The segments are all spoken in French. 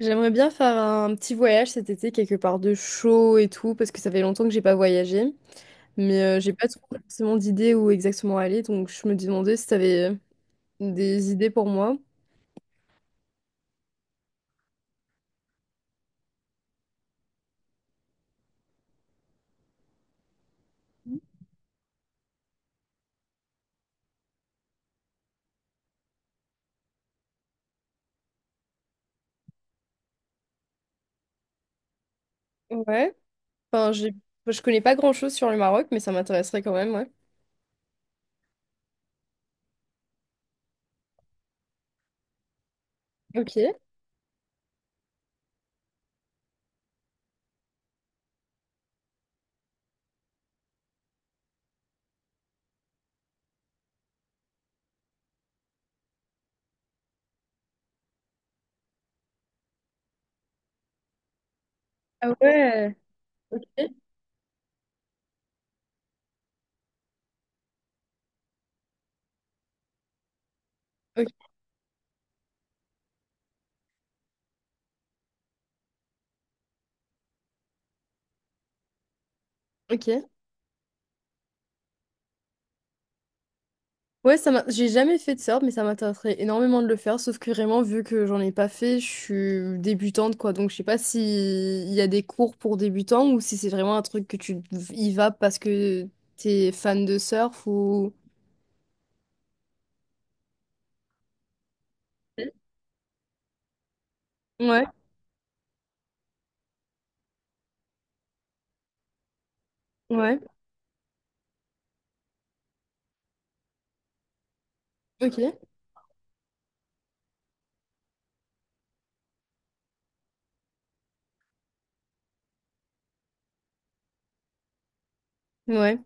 J'aimerais bien faire un petit voyage cet été, quelque part de chaud et tout, parce que ça fait longtemps que j'ai pas voyagé. Mais j'ai pas trop forcément d'idées où exactement aller, donc je me demandais si t'avais des idées pour moi. Ouais. Enfin, j'ai... enfin, je connais pas grand-chose sur le Maroc, mais ça m'intéresserait quand même, ouais. Ok. Ah ouais. Ok. Ok. J'ai jamais fait de surf, mais ça m'intéresserait énormément de le faire. Sauf que vraiment, vu que j'en ai pas fait, je suis débutante, quoi. Donc, je sais pas si il y a des cours pour débutants ou si c'est vraiment un truc que tu y vas parce que t'es fan de surf ou. Ouais, ouais, ok, ouais.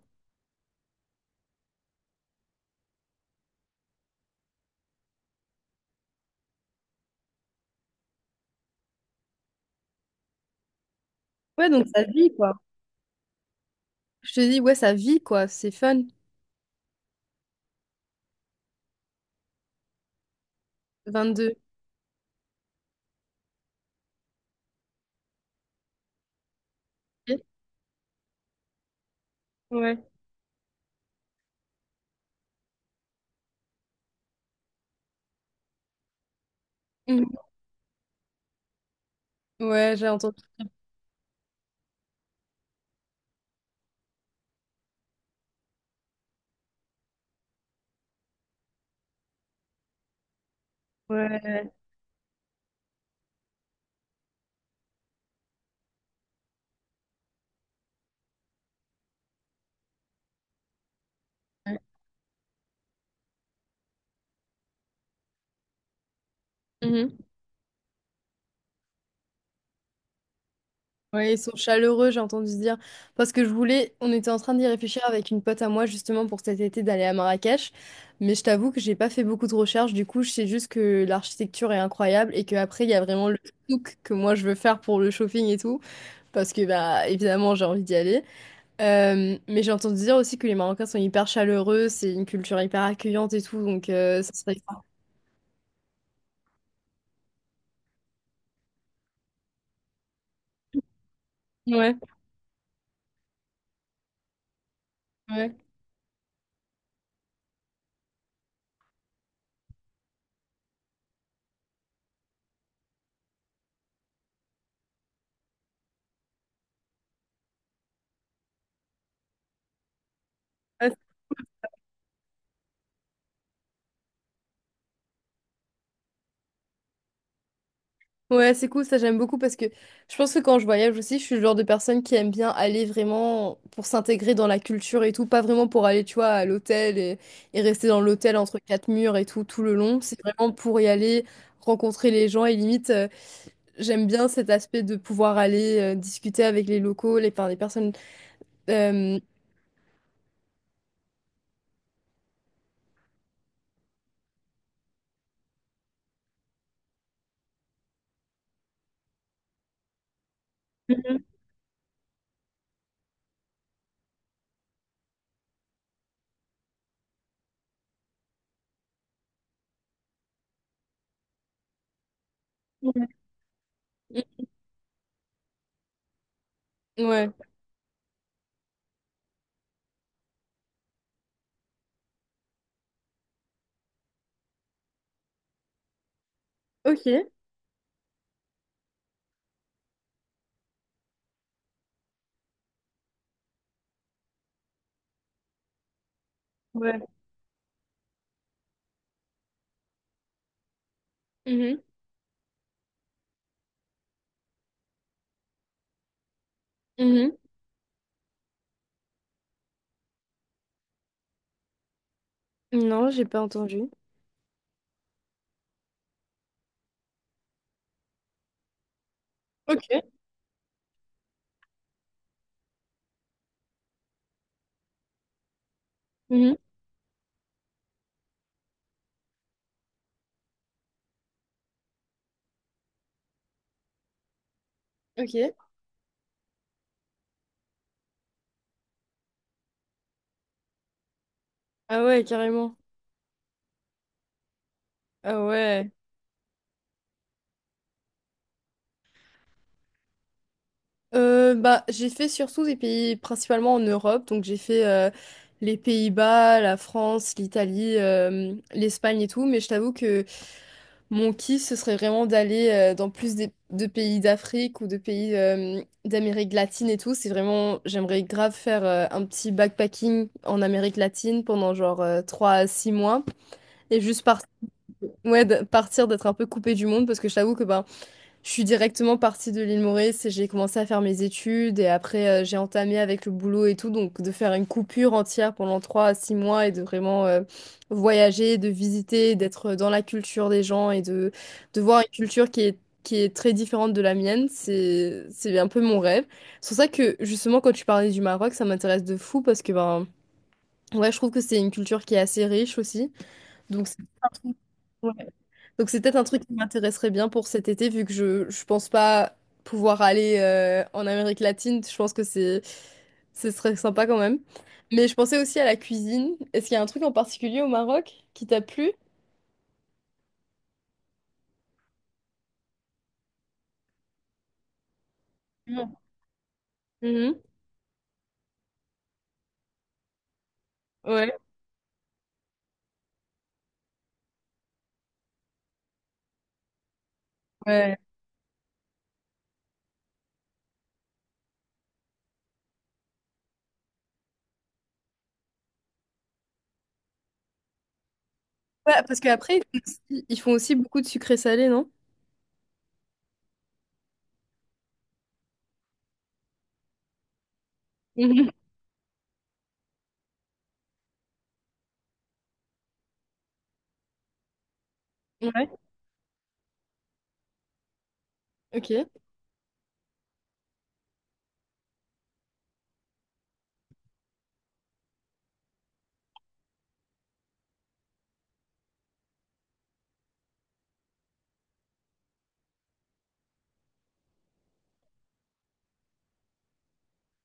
Ouais, donc ça vit, quoi. Je te dis, ouais, ça vit, quoi. C'est fun. 22. Ok. Ouais. Mhm. Ouais, j'ai entendu. Ouais. Mhm. Ouais, ils sont chaleureux, j'ai entendu dire. Parce que je voulais, on était en train d'y réfléchir avec une pote à moi justement pour cet été d'aller à Marrakech. Mais je t'avoue que j'ai pas fait beaucoup de recherches. Du coup, je sais juste que l'architecture est incroyable et qu'après, il y a vraiment le souk que moi je veux faire pour le shopping et tout. Parce que, bah, évidemment, j'ai envie d'y aller. Mais j'ai entendu dire aussi que les Marocains sont hyper chaleureux, c'est une culture hyper accueillante et tout. Donc, ça serait. Ouais, ouais. Ouais, c'est cool, ça j'aime beaucoup parce que je pense que quand je voyage aussi, je suis le genre de personne qui aime bien aller vraiment pour s'intégrer dans la culture et tout, pas vraiment pour aller, tu vois, à l'hôtel et rester dans l'hôtel entre quatre murs et tout, tout le long. C'est vraiment pour y aller, rencontrer les gens et limite, j'aime bien cet aspect de pouvoir aller discuter avec les locaux, les, enfin, les personnes. euh, Mhm. Ouais. Ok. Ouais. Mhm. Mhm. Non, j'ai pas entendu. Ok. Mhm. Ok. Ah ouais, carrément. Ah ouais. Bah, j'ai fait surtout des pays principalement en Europe, donc j'ai fait les Pays-Bas, la France, l'Italie, l'Espagne et tout, mais je t'avoue que mon kiff, ce serait vraiment d'aller dans de pays d'Afrique ou de pays d'Amérique latine et tout. C'est vraiment, j'aimerais grave faire un petit backpacking en Amérique latine pendant genre 3 à 6 mois et ouais, partir d'être un peu coupé du monde parce que je t'avoue que bah, je suis directement partie de l'île Maurice et j'ai commencé à faire mes études et après j'ai entamé avec le boulot et tout, donc de faire une coupure entière pendant 3 à 6 mois et de vraiment voyager, de visiter, d'être dans la culture des gens et de voir une culture qui est très différente de la mienne, c'est un peu mon rêve. C'est pour ça que justement quand tu parlais du Maroc, ça m'intéresse de fou parce que ben ouais, je trouve que c'est une culture qui est assez riche aussi, donc donc c'est peut-être un truc qui m'intéresserait bien pour cet été, vu que je pense pas pouvoir aller en Amérique latine. Je pense que c'est ce serait sympa quand même. Mais je pensais aussi à la cuisine. Est-ce qu'il y a un truc en particulier au Maroc qui t'a plu? Non. Mhm. Ouais. Ouais. Ouais, parce qu'après, ils font aussi beaucoup de sucré salé, non? Mhm. Ouais. Ok.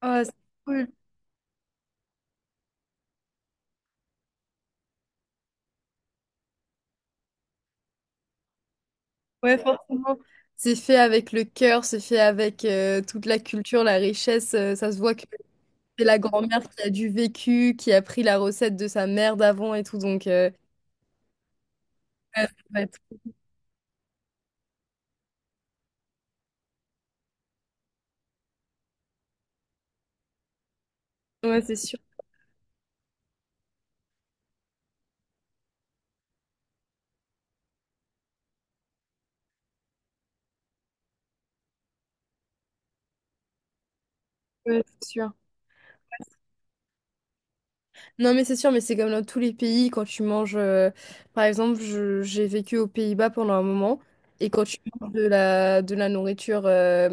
Ah, c'est cool. Ouais, forcément. C'est fait avec le cœur, c'est fait avec toute la culture, la richesse. Ça se voit que c'est la grand-mère qui a du vécu, qui a pris la recette de sa mère d'avant et tout, donc... ouais, ça va être- ouais, c'est sûr. Ouais, c'est sûr. Non, mais c'est sûr, mais c'est comme dans tous les pays, quand tu manges... Par exemple, j'ai vécu aux Pays-Bas pendant un moment, et quand tu manges de la nourriture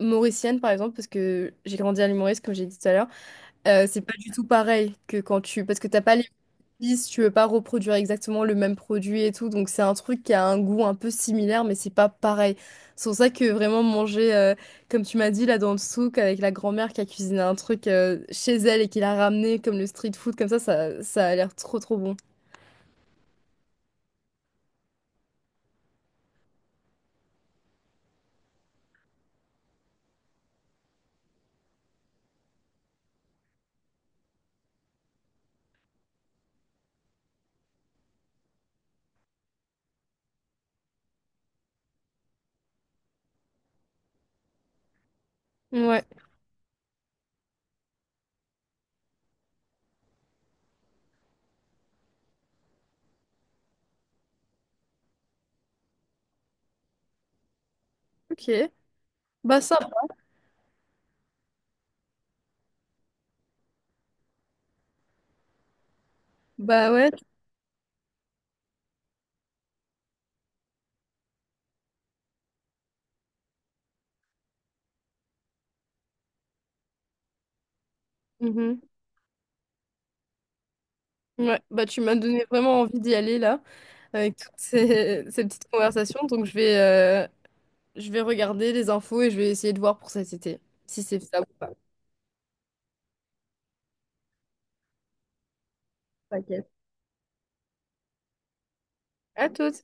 mauricienne, par exemple, parce que j'ai grandi à l'île Maurice, comme j'ai dit tout à l'heure, c'est pas du tout pareil que quand tu... Parce que t'as pas les si tu veux pas reproduire exactement le même produit et tout, donc c'est un truc qui a un goût un peu similaire, mais c'est pas pareil. C'est pour ça que vraiment manger, comme tu m'as dit là dans le souk avec la grand-mère qui a cuisiné un truc chez elle et qui l'a ramené comme le street food, comme ça a l'air trop trop bon. Ouais, ok. Bah ça, bah ouais. Mhm. Ouais, bah tu m'as donné vraiment envie d'y aller là, avec toutes ces, ces petites conversations, donc je vais regarder les infos et je vais essayer de voir pour cet été, si c'est ça ou pas. Ok. À toutes.